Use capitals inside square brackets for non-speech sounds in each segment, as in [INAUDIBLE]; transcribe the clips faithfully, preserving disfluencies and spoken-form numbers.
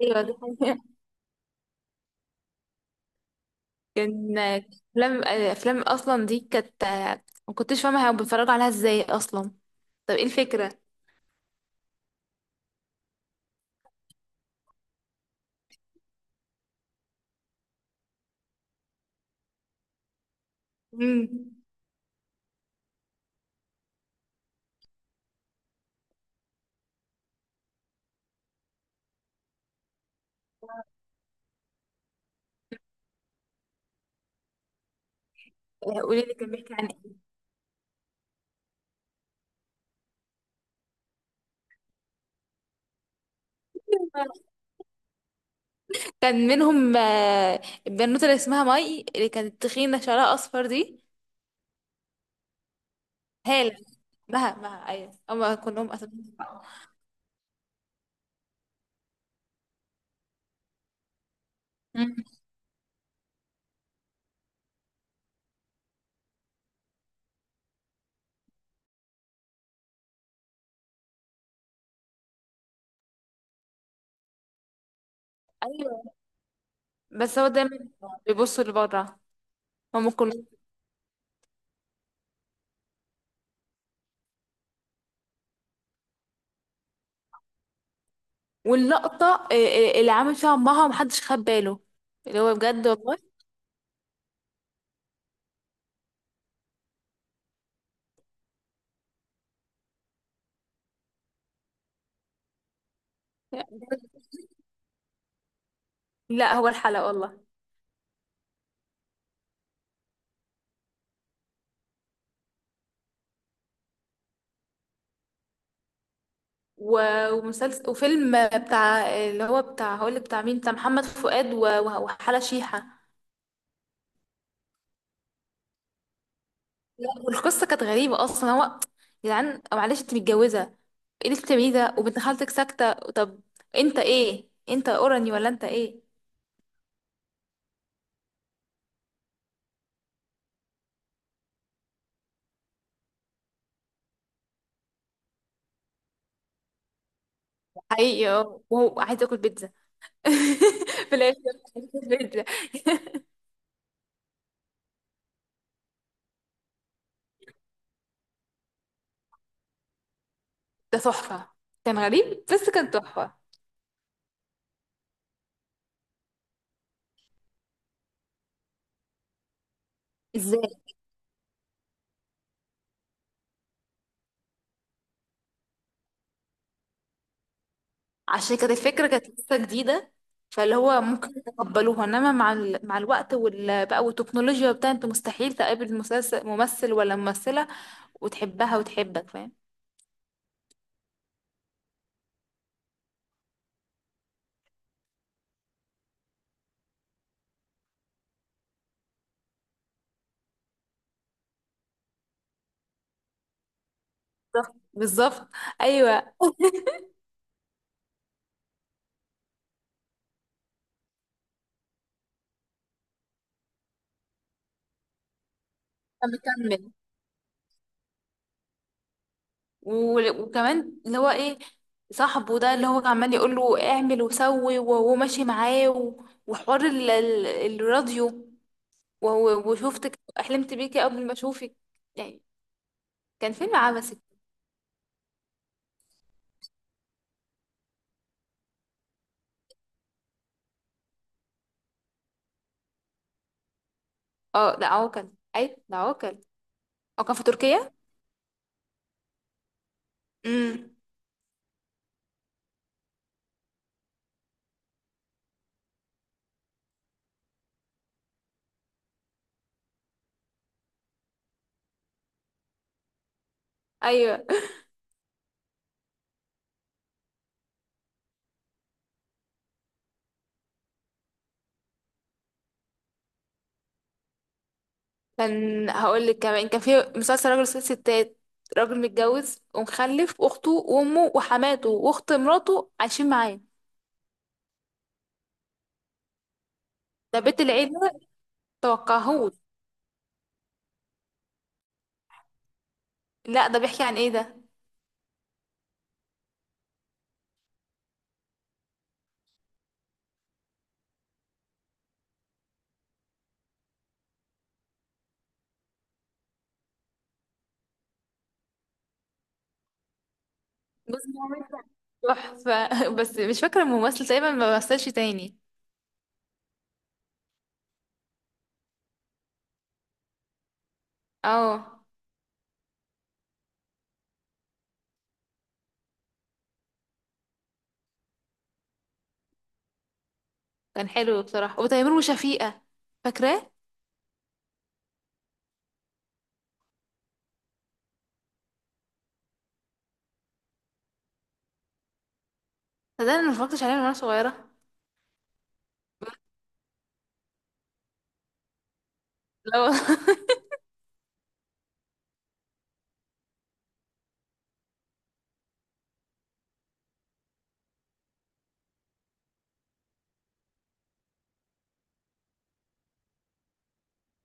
ايوه، دي حقيقة. كان افلام افلام اصلا دي كانت. ما كنتش فاهمه هما بيتفرجوا عليها ازاي اصلا. طب ايه الفكره؟ امم. قولي لي كان بيحكي عن ايه؟ كان منهم آه، البنوته اللي اسمها ماي اللي كانت تخينه شعرها اصفر دي. هالة. مها، مها، أيوة، هما كلهم أساميهم بعض. مم. أيوة. بس هو دايما بيبصوا لبره. هما كلهم. واللقطة إيه، إيه، اللي عامل فيها أمها ومحدش خد باله، اللي هو بجد والله. لا، هو الحلقة والله. و- ومسلسل وفيلم بتاع اللي هو بتاع هقولك بتاع مين بتاع محمد فؤاد و- و- وحلا شيحة. لا، والقصة كانت غريبة أصلا. هو، يا جدعان، معلش أنت متجوزة، ايه اللي بتعمليه ده وبنت خالتك ساكتة؟ طب أنت إيه؟ أنت أوراني ولا أنت إيه؟ حقيقي. اه، وهو عايز اكل بيتزا [LAUGHS] في الاخر. عايز آكل بيتزا. ده تحفه. كان غريب بس كان تحفه. ازاي؟ عشان كانت الفكره كانت لسه جديده. فاللي هو ممكن يتقبلوها، انما مع ال... مع الوقت وال... بقى والتكنولوجيا بتاع، انت مستحيل تقابل مسلسل ممثل ولا ممثله وتحبها وتحبك، فاهم؟ بالظبط، بالظبط. ايوه. مكمل. و- وكمان اللي هو ايه، صاحبه ده اللي هو كان عمال يقول له اعمل وسوي وهو ماشي معاه، و- وحوار ال- ال- الراديو. وهو- وشفتك احلمت بيكي قبل ما اشوفك، يعني. كان فيلم عبثي. اه، ده عوكل. اي ده عوكل. او كان في تركيا. امم. ايوه. كان هقول لك كمان كان في مسلسل راجل وست ستات، راجل متجوز ومخلف، واخته وامه وحماته واخت مراته عايشين معاه. ده بيت العيله. توقعهوش. لا، ده بيحكي عن ايه ده؟ بص، هو أنت تحفة [LAUGHS] بس مش فاكرة الممثل، تقريبا ما مثلش تاني. اه. كان حلو بصراحة. وتيمور وشفيقة، فاكراه؟ ده انا ما اتفرجتش عليه من وانا صغيرة. لا والله [LAUGHS]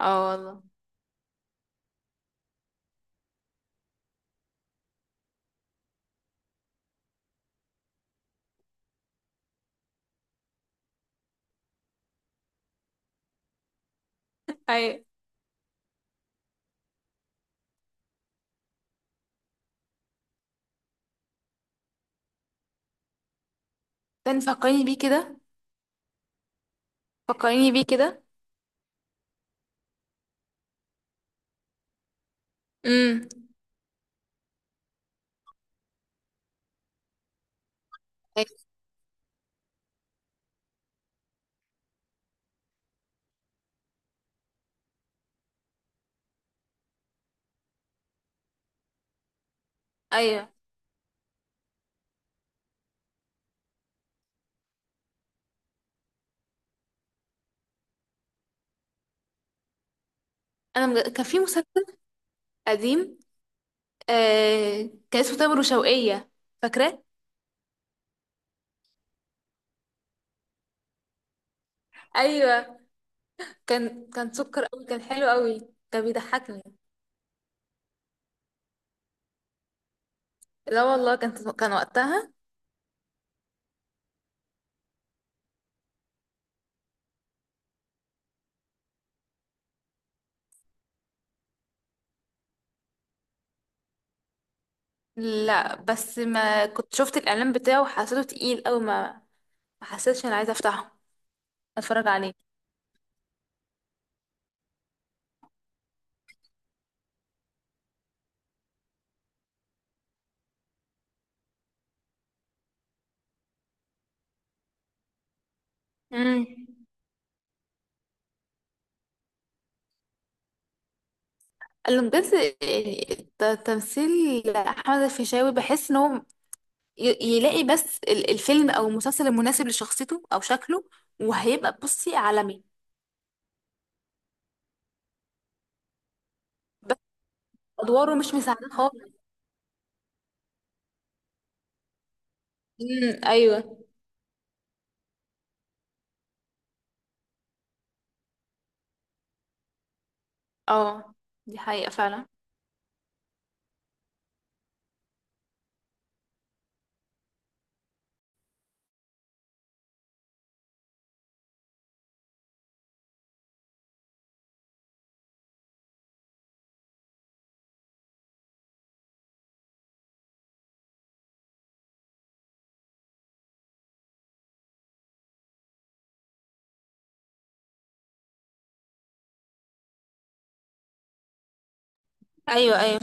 اه والله. ايوه. تاني فكريني بيه كده. فكريني بيه كده. امم. ايوه. أيوة. انا مج... كان في مسلسل قديم، آه... كان اسمه تامر وشوقية، فاكراه؟ ايوه. كان كان سكر قوي، كان حلو قوي. كان بيضحكني. لا والله، كان كان وقتها. لا، بس ما كنت شفت الاعلان بتاعه وحسيته تقيل قوي، ما ما حسيتش انا عايزه افتحه، اتفرج عليه. امم. قالوا بجد، يعني ت- تمثيل احمد الفيشاوي، بحس ان هو ي- يلاقي بس ال- الفيلم او المسلسل المناسب لشخصيته او شكله، وهيبقى بصي عالمي. بس ادواره مش مساعده خالص. امم، ايوه. اه، دي حقيقه فعلا. ايوه، ايوه.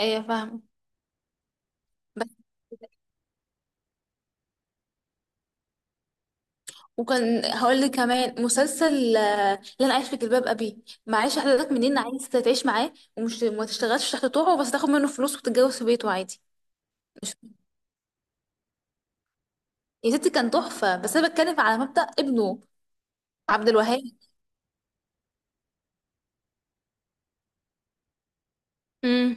ايوه فاهمه. وكان هقول لك كمان مسلسل، آه، اللي انا عايش في جلباب ابي. معيش حضرتك منين عايز تعيش معاه ومش ما تشتغلش تحت طوعه، بس تاخد منه فلوس وتتجوز في بيته عادي؟ مش، يا ستي كان تحفه، بس انا بتكلم على مبدأ ابنه. عبد الوهاب. امم.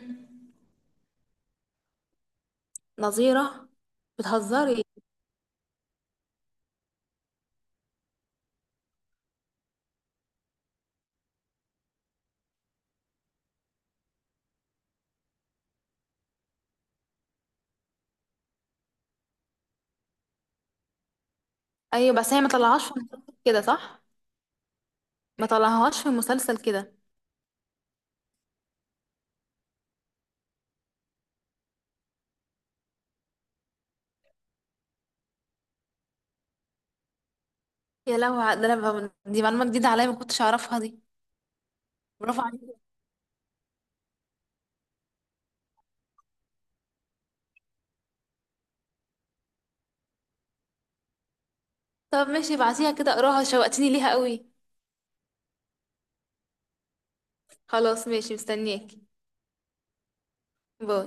نظيره. بتهزري؟ ايوه، بس هي ما طلعهاش في مسلسل كده صح؟ ما طلعهاش في مسلسل كده. يا لهوي، ده انا ب- دي معلومه جديده عليا ما كنتش اعرفها دي. برافو عليكي. طب ماشي، ابعتيها كده اقراها، شوقتيني ليها قوي. خلاص ماشي، مستنياكي. باي.